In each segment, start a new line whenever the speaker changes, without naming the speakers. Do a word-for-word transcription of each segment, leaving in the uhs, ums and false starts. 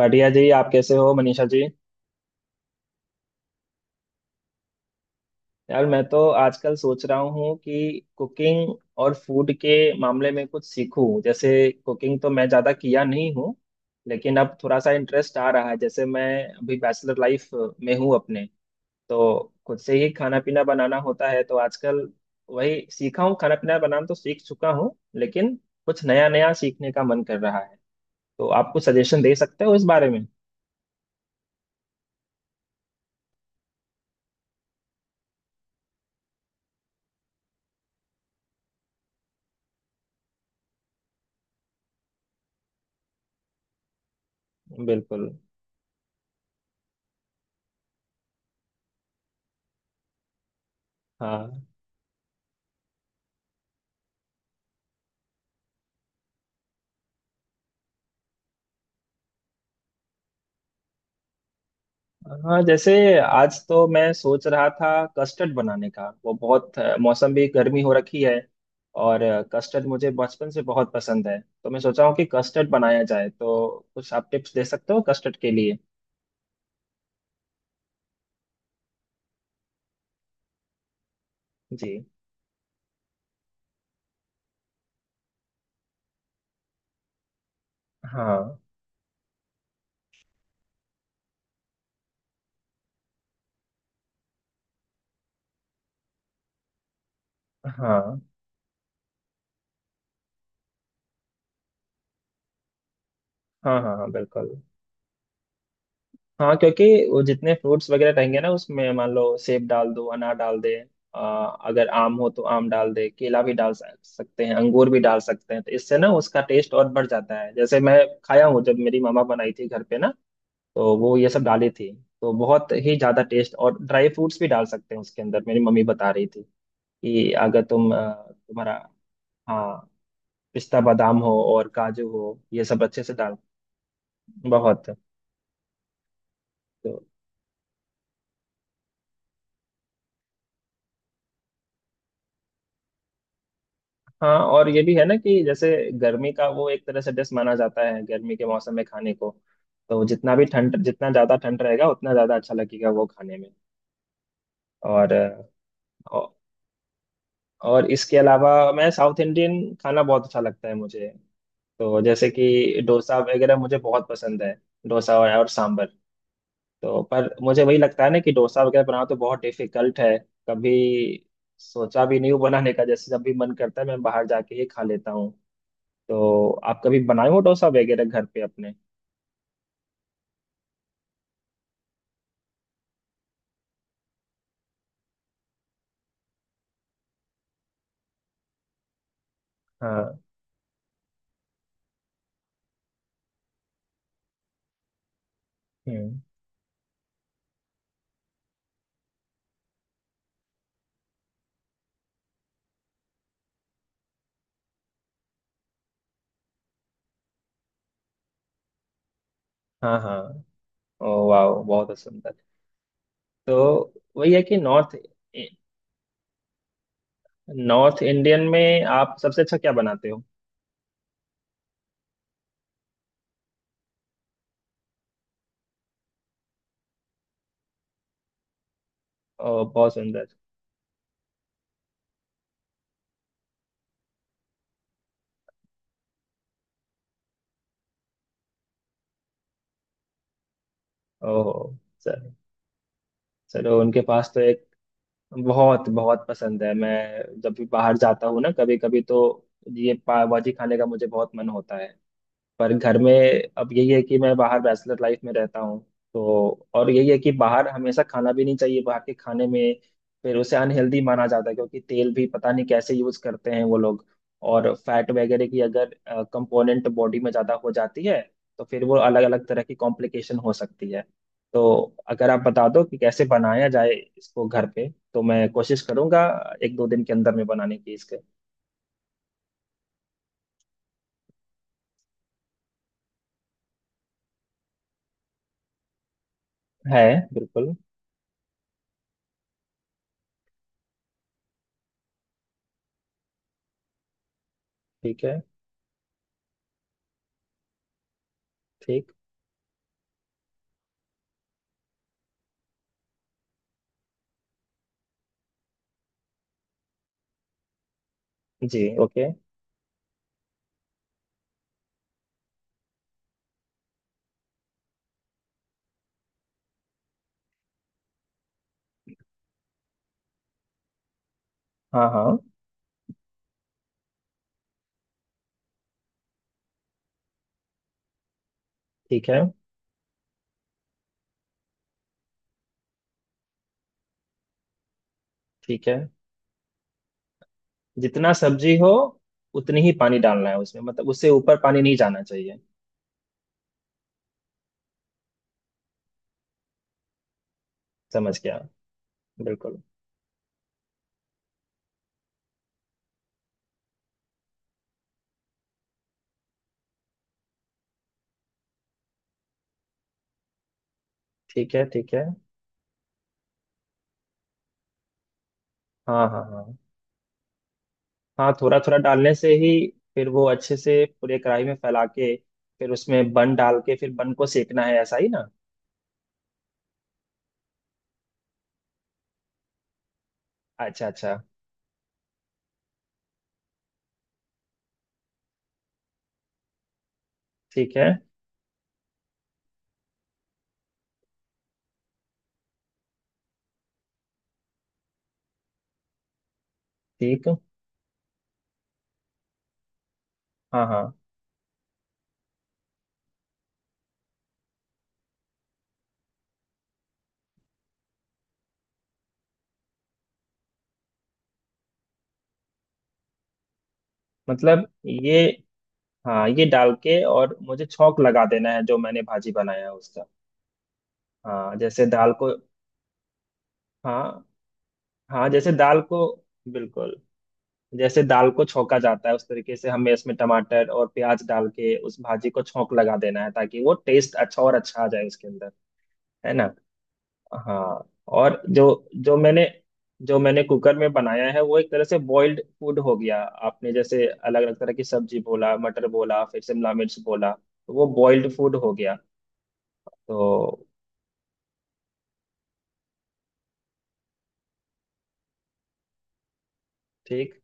बढ़िया जी। आप कैसे हो मनीषा जी? यार, मैं तो आजकल सोच रहा हूँ कि कुकिंग और फूड के मामले में कुछ सीखूं। जैसे कुकिंग तो मैं ज़्यादा किया नहीं हूँ, लेकिन अब थोड़ा सा इंटरेस्ट आ रहा है। जैसे मैं अभी बैचलर लाइफ में हूँ अपने, तो खुद से ही खाना पीना बनाना होता है। तो आजकल वही सीखा हूँ। खाना पीना बनाना तो सीख चुका हूँ, लेकिन कुछ नया नया सीखने का मन कर रहा है। तो आप कुछ सजेशन दे सकते हो इस बारे में? बिल्कुल। हाँ, हाँ जैसे, आज तो मैं सोच रहा था कस्टर्ड बनाने का। वो बहुत अ, मौसम भी गर्मी हो रखी है। और कस्टर्ड मुझे बचपन से बहुत पसंद है, तो मैं सोचा हूँ कि कस्टर्ड बनाया जाए। तो कुछ आप टिप्स दे सकते हो कस्टर्ड के लिए? जी। हाँ। हाँ, हाँ, हाँ, हाँ, बिल्कुल। हाँ, क्योंकि वो जितने फ्रूट्स वगैरह रहेंगे ना उसमें, मान लो सेब डाल दो, अनार डाल दे, आ, अगर आम हो तो आम डाल दे, केला भी डाल सक- सकते हैं, अंगूर भी डाल सकते हैं। तो इससे ना उसका टेस्ट और बढ़ जाता है। जैसे मैं खाया हूँ जब मेरी मामा बनाई थी घर पे ना, तो वो ये सब डाली थी। तो बहुत ही ज्यादा टेस्ट। और ड्राई फ्रूट्स भी डाल सकते हैं उसके अंदर। मेरी मम्मी बता रही थी कि अगर तुम आ, तुम्हारा, हाँ, पिस्ता बादाम हो और काजू हो, ये सब अच्छे से डाल। बहुत। तो हाँ, और ये भी है ना कि जैसे गर्मी का वो एक तरह से डिश माना जाता है गर्मी के मौसम में खाने को। तो जितना भी ठंड, जितना ज़्यादा ठंड रहेगा उतना ज़्यादा अच्छा लगेगा वो खाने में। और औ- और इसके अलावा मैं, साउथ इंडियन खाना बहुत अच्छा लगता है मुझे। तो जैसे कि डोसा वगैरह मुझे बहुत पसंद है। डोसा और, और सांभर। तो पर मुझे वही लगता है ना कि डोसा वगैरह बनाना तो बहुत डिफिकल्ट है। कभी सोचा भी नहीं हूँ बनाने का। जैसे जब भी मन करता है मैं बाहर जाके ही खा लेता हूँ। तो आप कभी बनाए हो डोसा वगैरह घर पे अपने? हाँ। हम्म। हाँ, हाँ। ओ वाह, बहुत सुंदर। तो वही है कि नॉर्थ। नॉर्थ इंडियन में आप सबसे अच्छा क्या बनाते हो? ओ बहुत सुंदर। ओह। चलो। चलो उनके पास तो एक। बहुत बहुत पसंद है। मैं जब भी बाहर जाता हूँ ना, कभी कभी तो ये पाव भाजी खाने का मुझे बहुत मन होता है। पर घर में, अब यही है कि मैं बाहर बैचलर लाइफ में रहता हूँ। तो, और यही है कि बाहर हमेशा खाना भी नहीं चाहिए। बाहर के खाने में फिर उसे अनहेल्दी माना जाता है क्योंकि तेल भी पता नहीं कैसे यूज करते हैं वो लोग। और फैट वगैरह की अगर कंपोनेंट बॉडी में ज्यादा हो जाती है, तो फिर वो अलग अलग तरह की कॉम्प्लिकेशन हो सकती है। तो अगर आप बता दो कि कैसे बनाया जाए इसको घर पे, तो मैं कोशिश करूंगा एक दो दिन के अंदर में बनाने की इसके। है, बिल्कुल। ठीक है। ठीक। जी, ओके। हाँ, हाँ। ठीक है। ठीक है, जितना सब्जी हो उतनी ही पानी डालना है उसमें। मतलब उससे ऊपर पानी नहीं जाना चाहिए। समझ गया। बिल्कुल। ठीक है। ठीक है। हाँ, हाँ, हाँ। हाँ, थोड़ा थोड़ा डालने से ही फिर वो अच्छे से पूरे कढ़ाई में फैला के, फिर उसमें बन डाल के फिर बन को सेकना है, ऐसा ही ना? अच्छा, अच्छा। ठीक है। ठीक। हाँ, हाँ। मतलब ये, हाँ ये डाल के और मुझे छौंक लगा देना है जो मैंने भाजी बनाया है उसका। हाँ, जैसे दाल को। हाँ। हाँ जैसे दाल को, बिल्कुल। जैसे दाल को छौंका जाता है उस तरीके से हमें इसमें टमाटर और प्याज डाल के उस भाजी को छौंक लगा देना है, ताकि वो टेस्ट अच्छा और अच्छा आ जाए उसके अंदर। है ना? हाँ। और जो जो मैंने जो मैंने कुकर में बनाया है वो एक तरह से बॉइल्ड फूड हो गया। आपने जैसे अलग अलग तरह की सब्जी बोला, मटर बोला, फिर शिमला मिर्च बोला, तो वो बॉइल्ड फूड हो गया। तो ठीक।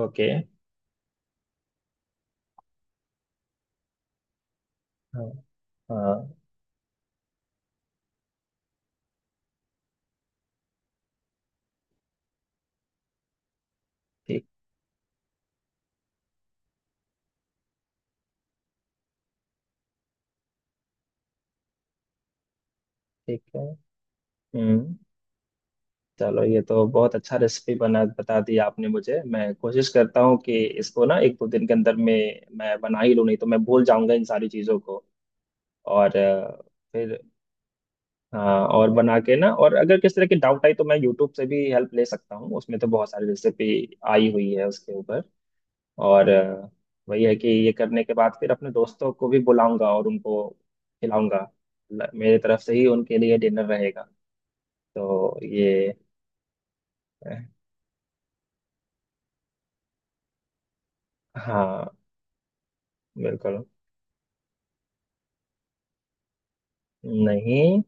ओके। हाँ, हाँ। ठीक। ठीक है। हम्म। चलो, ये तो बहुत अच्छा रेसिपी बना, बता दी आपने मुझे। मैं कोशिश करता हूँ कि इसको ना एक दो दिन के अंदर में मैं बना ही लूँ, नहीं तो मैं भूल जाऊंगा इन सारी चीज़ों को। और अ, फिर हाँ, और बना के ना, और अगर किस तरह की डाउट आई तो मैं यूट्यूब से भी हेल्प ले सकता हूँ, उसमें तो बहुत सारी रेसिपी आई हुई है उसके ऊपर। और अ, वही है कि ये करने के बाद फिर अपने दोस्तों को भी बुलाऊंगा और उनको खिलाऊंगा। ल- मेरे तरफ से ही उनके लिए डिनर रहेगा तो ये। हाँ। बिल्कुल नहीं।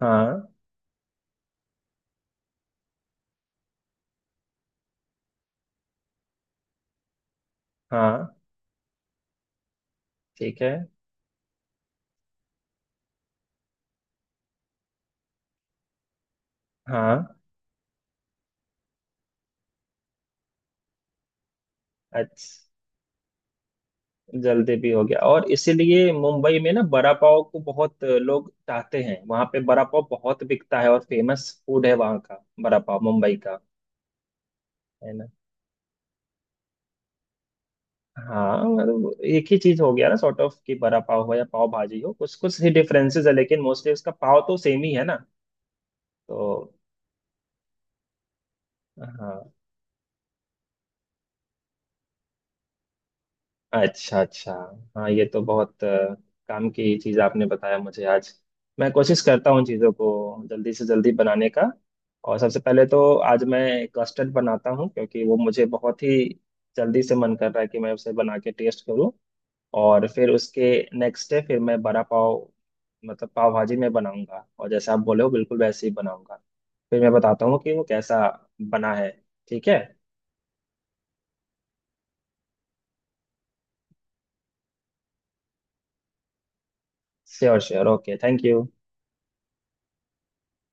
हाँ, हाँ। ठीक है। हाँ। अच्छा, जल्दी भी हो गया, और इसीलिए मुंबई में ना बड़ा पाव को बहुत लोग चाहते हैं। वहाँ पे बड़ा पाव बहुत बिकता है और फेमस फूड है वहाँ का बड़ा पाव मुंबई का। है ना? हाँ, मतलब एक ही चीज हो गया ना सॉर्ट ऑफ, कि बड़ा पाव हो या पाव भाजी हो, कुछ कुछ ही डिफरेंसेस है लेकिन मोस्टली उसका पाव तो सेम ही है ना। तो हाँ। अच्छा, अच्छा। हाँ ये तो बहुत अ, काम की चीज आपने बताया मुझे आज। मैं कोशिश करता हूँ चीज़ों को जल्दी से जल्दी बनाने का। और सबसे पहले तो आज मैं कस्टर्ड बनाता हूँ, क्योंकि वो मुझे बहुत ही जल्दी से मन कर रहा है कि मैं उसे बना के टेस्ट करूँ। और फिर उसके नेक्स्ट डे फिर मैं बड़ा पाव, मतलब पाव भाजी में बनाऊंगा, और जैसा आप बोले हो बिल्कुल वैसे ही बनाऊंगा। फिर मैं बताता हूँ कि वो कैसा बना है। ठीक है। Sure, sure. Okay, thank you.